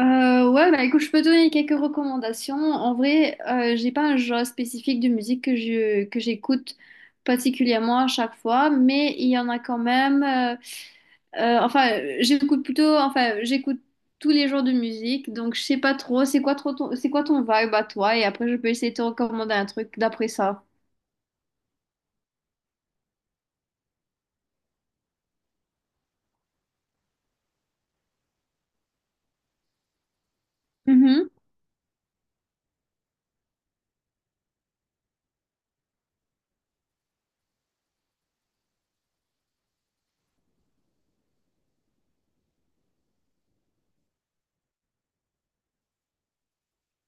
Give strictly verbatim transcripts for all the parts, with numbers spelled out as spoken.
Euh, ouais, bah écoute, je peux te donner quelques recommandations. En vrai, euh, j'ai pas un genre spécifique de musique que je que j'écoute particulièrement à chaque fois, mais il y en a quand même. Euh, euh, enfin, j'écoute plutôt. Enfin, j'écoute tous les genres de musique, donc je sais pas trop. C'est quoi trop ton, c'est quoi ton vibe à toi? Et après, je peux essayer de te recommander un truc d'après ça. Mhm.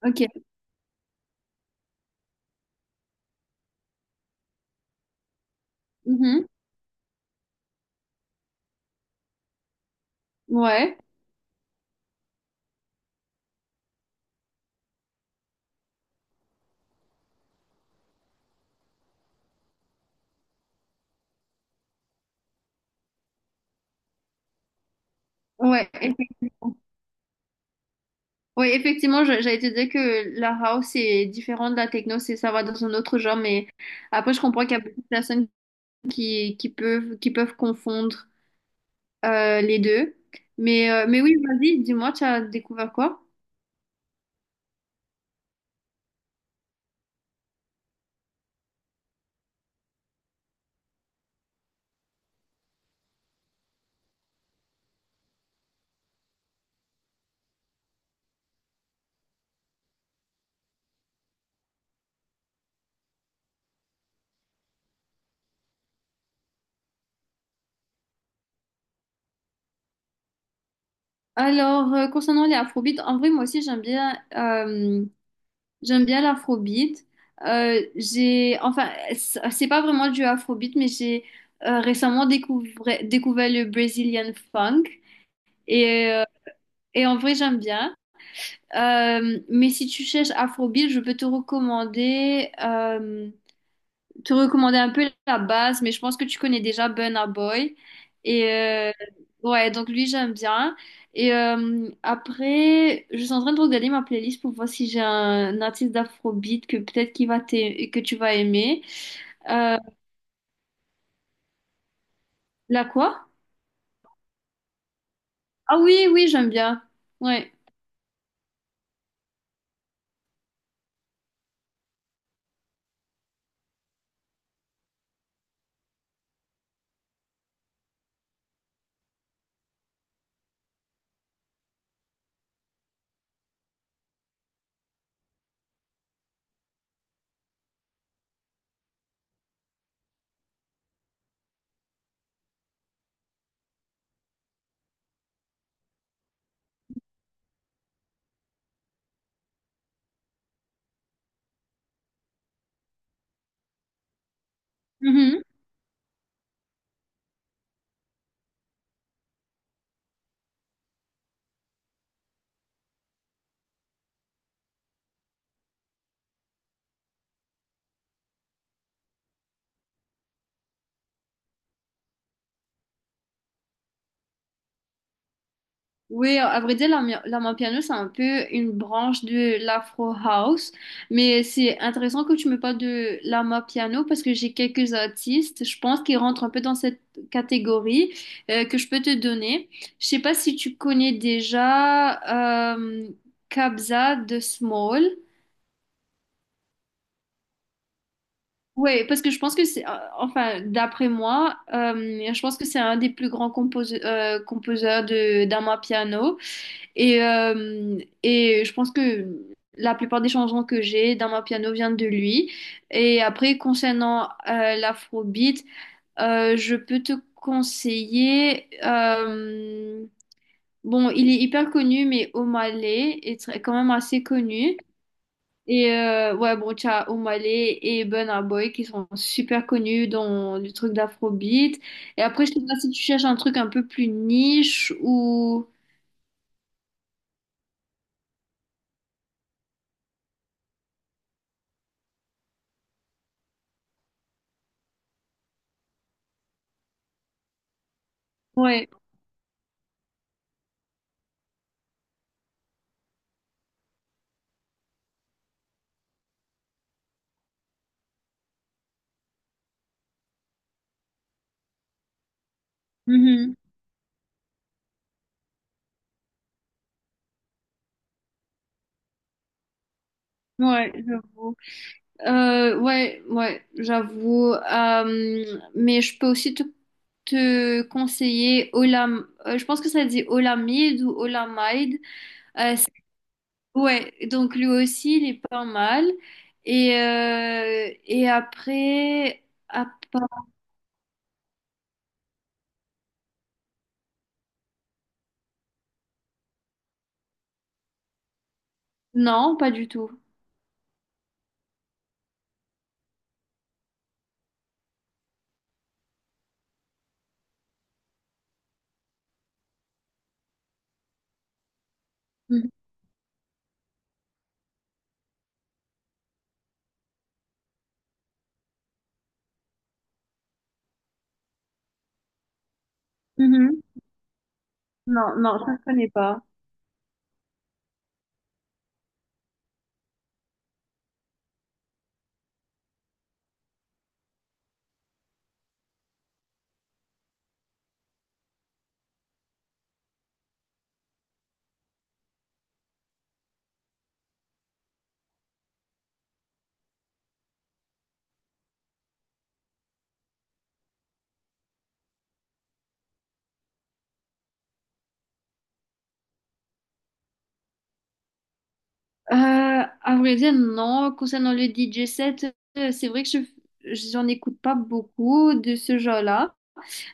Ok. Mhm. Ouais. Ouais. Oui, effectivement, je- j'allais te dire que la house est différente de la techno, c'est ça va dans un autre genre, mais après je comprends qu'il y a beaucoup de personnes qui, qui peuvent qui peuvent confondre euh, les deux. Mais euh, mais oui, vas-y, dis-moi, tu as découvert quoi? Alors euh, concernant les afrobeats, en vrai moi aussi j'aime bien euh, j'aime bien l'afrobeat. Euh, j'ai enfin c'est c'est pas vraiment du afrobeat, mais j'ai euh, récemment découvert découvert le Brazilian funk et euh, et en vrai j'aime bien. Euh, mais si tu cherches Afrobeat, je peux te recommander, euh, te recommander un peu la base, mais je pense que tu connais déjà Burna Boy. Et euh, ouais, donc lui, j'aime bien. Et euh, après, je suis en train de regarder ma playlist pour voir si j'ai un artiste d'Afrobeat que peut-être qu'il va t'aimer- que tu vas aimer. Euh, la quoi? Ah oui, oui, j'aime bien. Ouais. Mhm. Oui, à vrai dire, l'ambi- l'ampiano, c'est un peu une branche de l'afro house, mais c'est intéressant que tu me parles de l'ampiano parce que j'ai quelques artistes, je pense, qui rentrent un peu dans cette catégorie euh, que je peux te donner. Je sais pas si tu connais déjà euh, Kabza de Small. Oui, parce que je pense que c'est, euh, enfin, d'après moi, euh, je pense que c'est un des plus grands compose- euh, composeurs de d'amapiano. Et, euh, et je pense que la plupart des chansons que j'ai dans ma piano viennent de lui. Et après, concernant euh, l'afrobeat, euh, je peux te conseiller. Euh, bon, il est hyper connu, mais Omalé est très- quand même assez connu. Et euh, ouais, bon, tu as Omalé et Burna Boy qui sont super connus dans le truc d'afrobeat. Et après, je sais pas si tu cherches un truc un peu plus niche ou. Ouais. Mhm. Ouais, je vois. Euh, ouais, ouais, j'avoue. Euh, mais je peux aussi te, te conseiller Olam. Euh, je pense que ça dit Olamide ou Olamide. Euh, c'est- ouais, donc lui aussi, il est pas mal. Et, euh, et après. à part- non, pas du tout. Mhm. Mhm. Non, non, ça, je connais pas. Euh, à vrai dire, non. Concernant le D J set, euh, c'est vrai que je, j'en écoute pas beaucoup de ce genre-là.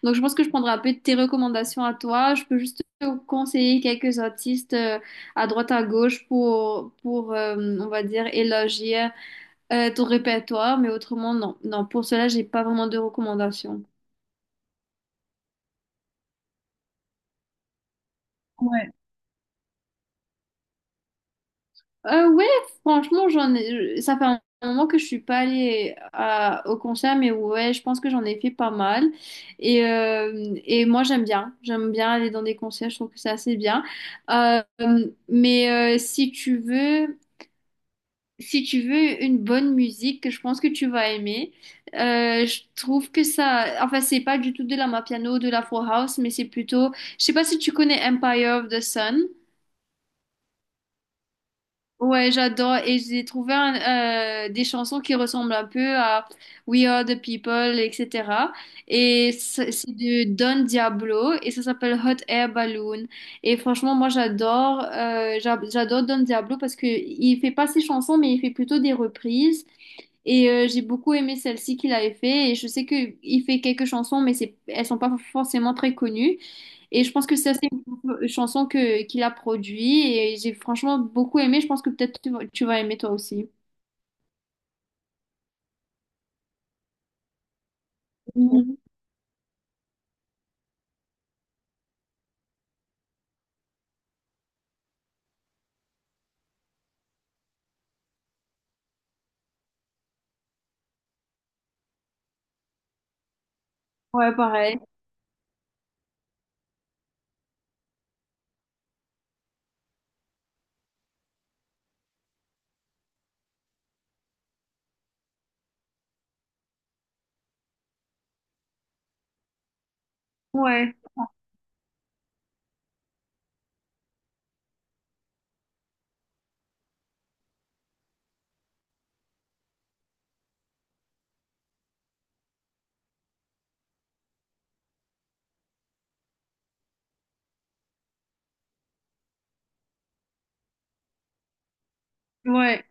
Donc, je pense que je prendrai un peu de tes recommandations à toi. Je peux juste te conseiller quelques artistes euh, à droite, à gauche pour, pour euh, on va dire, élargir euh, ton répertoire. Mais autrement, non. Non, pour cela, j'ai pas vraiment de recommandations. Ouais. Euh, ouais, franchement, j'en ai... je- ça fait un moment que je suis pas allée à- au concert, mais ouais, je pense que j'en ai fait pas mal. Et, euh, et moi, j'aime bien. J'aime bien aller dans des concerts, je trouve que c'est assez bien. Euh, mais euh, si tu veux. si tu veux une bonne musique que je pense que tu vas aimer, euh, je trouve que ça, enfin c'est pas du tout de la Mapiano, de la Four House, mais c'est plutôt, je sais pas si tu connais Empire of the Sun. Ouais, j'adore et j'ai trouvé un- euh, des chansons qui ressemblent un peu à We Are the People, et cetera. Et c'est c'est de Don Diablo et ça s'appelle Hot Air Balloon. Et franchement, moi j'adore, euh, j'a- j'adore Don Diablo parce que il fait pas ses chansons, mais il fait plutôt des reprises. Et euh, j'ai beaucoup aimé celle-ci qu'il avait fait. Et je sais qu'il fait quelques chansons, mais c'est, elles sont pas forcément très connues. Et je pense que ça, c'est une chanson que, qu'il a produit. Et j'ai franchement beaucoup aimé. Je pense que peut-être tu, vas tu vas aimer toi aussi. Mhm. Ouais, pareil. Ouais, ouais,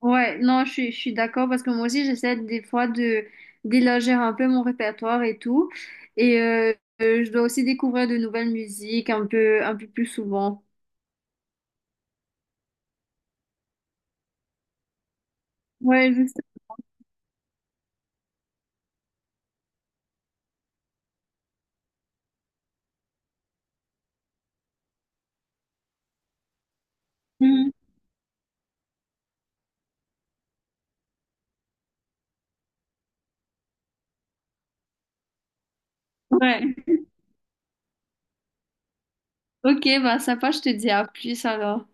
Ouais, non, je suis, je suis d'accord parce que moi aussi, j'essaie des fois de d'élargir un peu mon répertoire et tout. Et euh, euh, je dois aussi découvrir de nouvelles musiques un peu, un peu plus souvent. Ouais, je sais. Mhm. Ouais. Ok, bah sympa, je te dis à plus alors.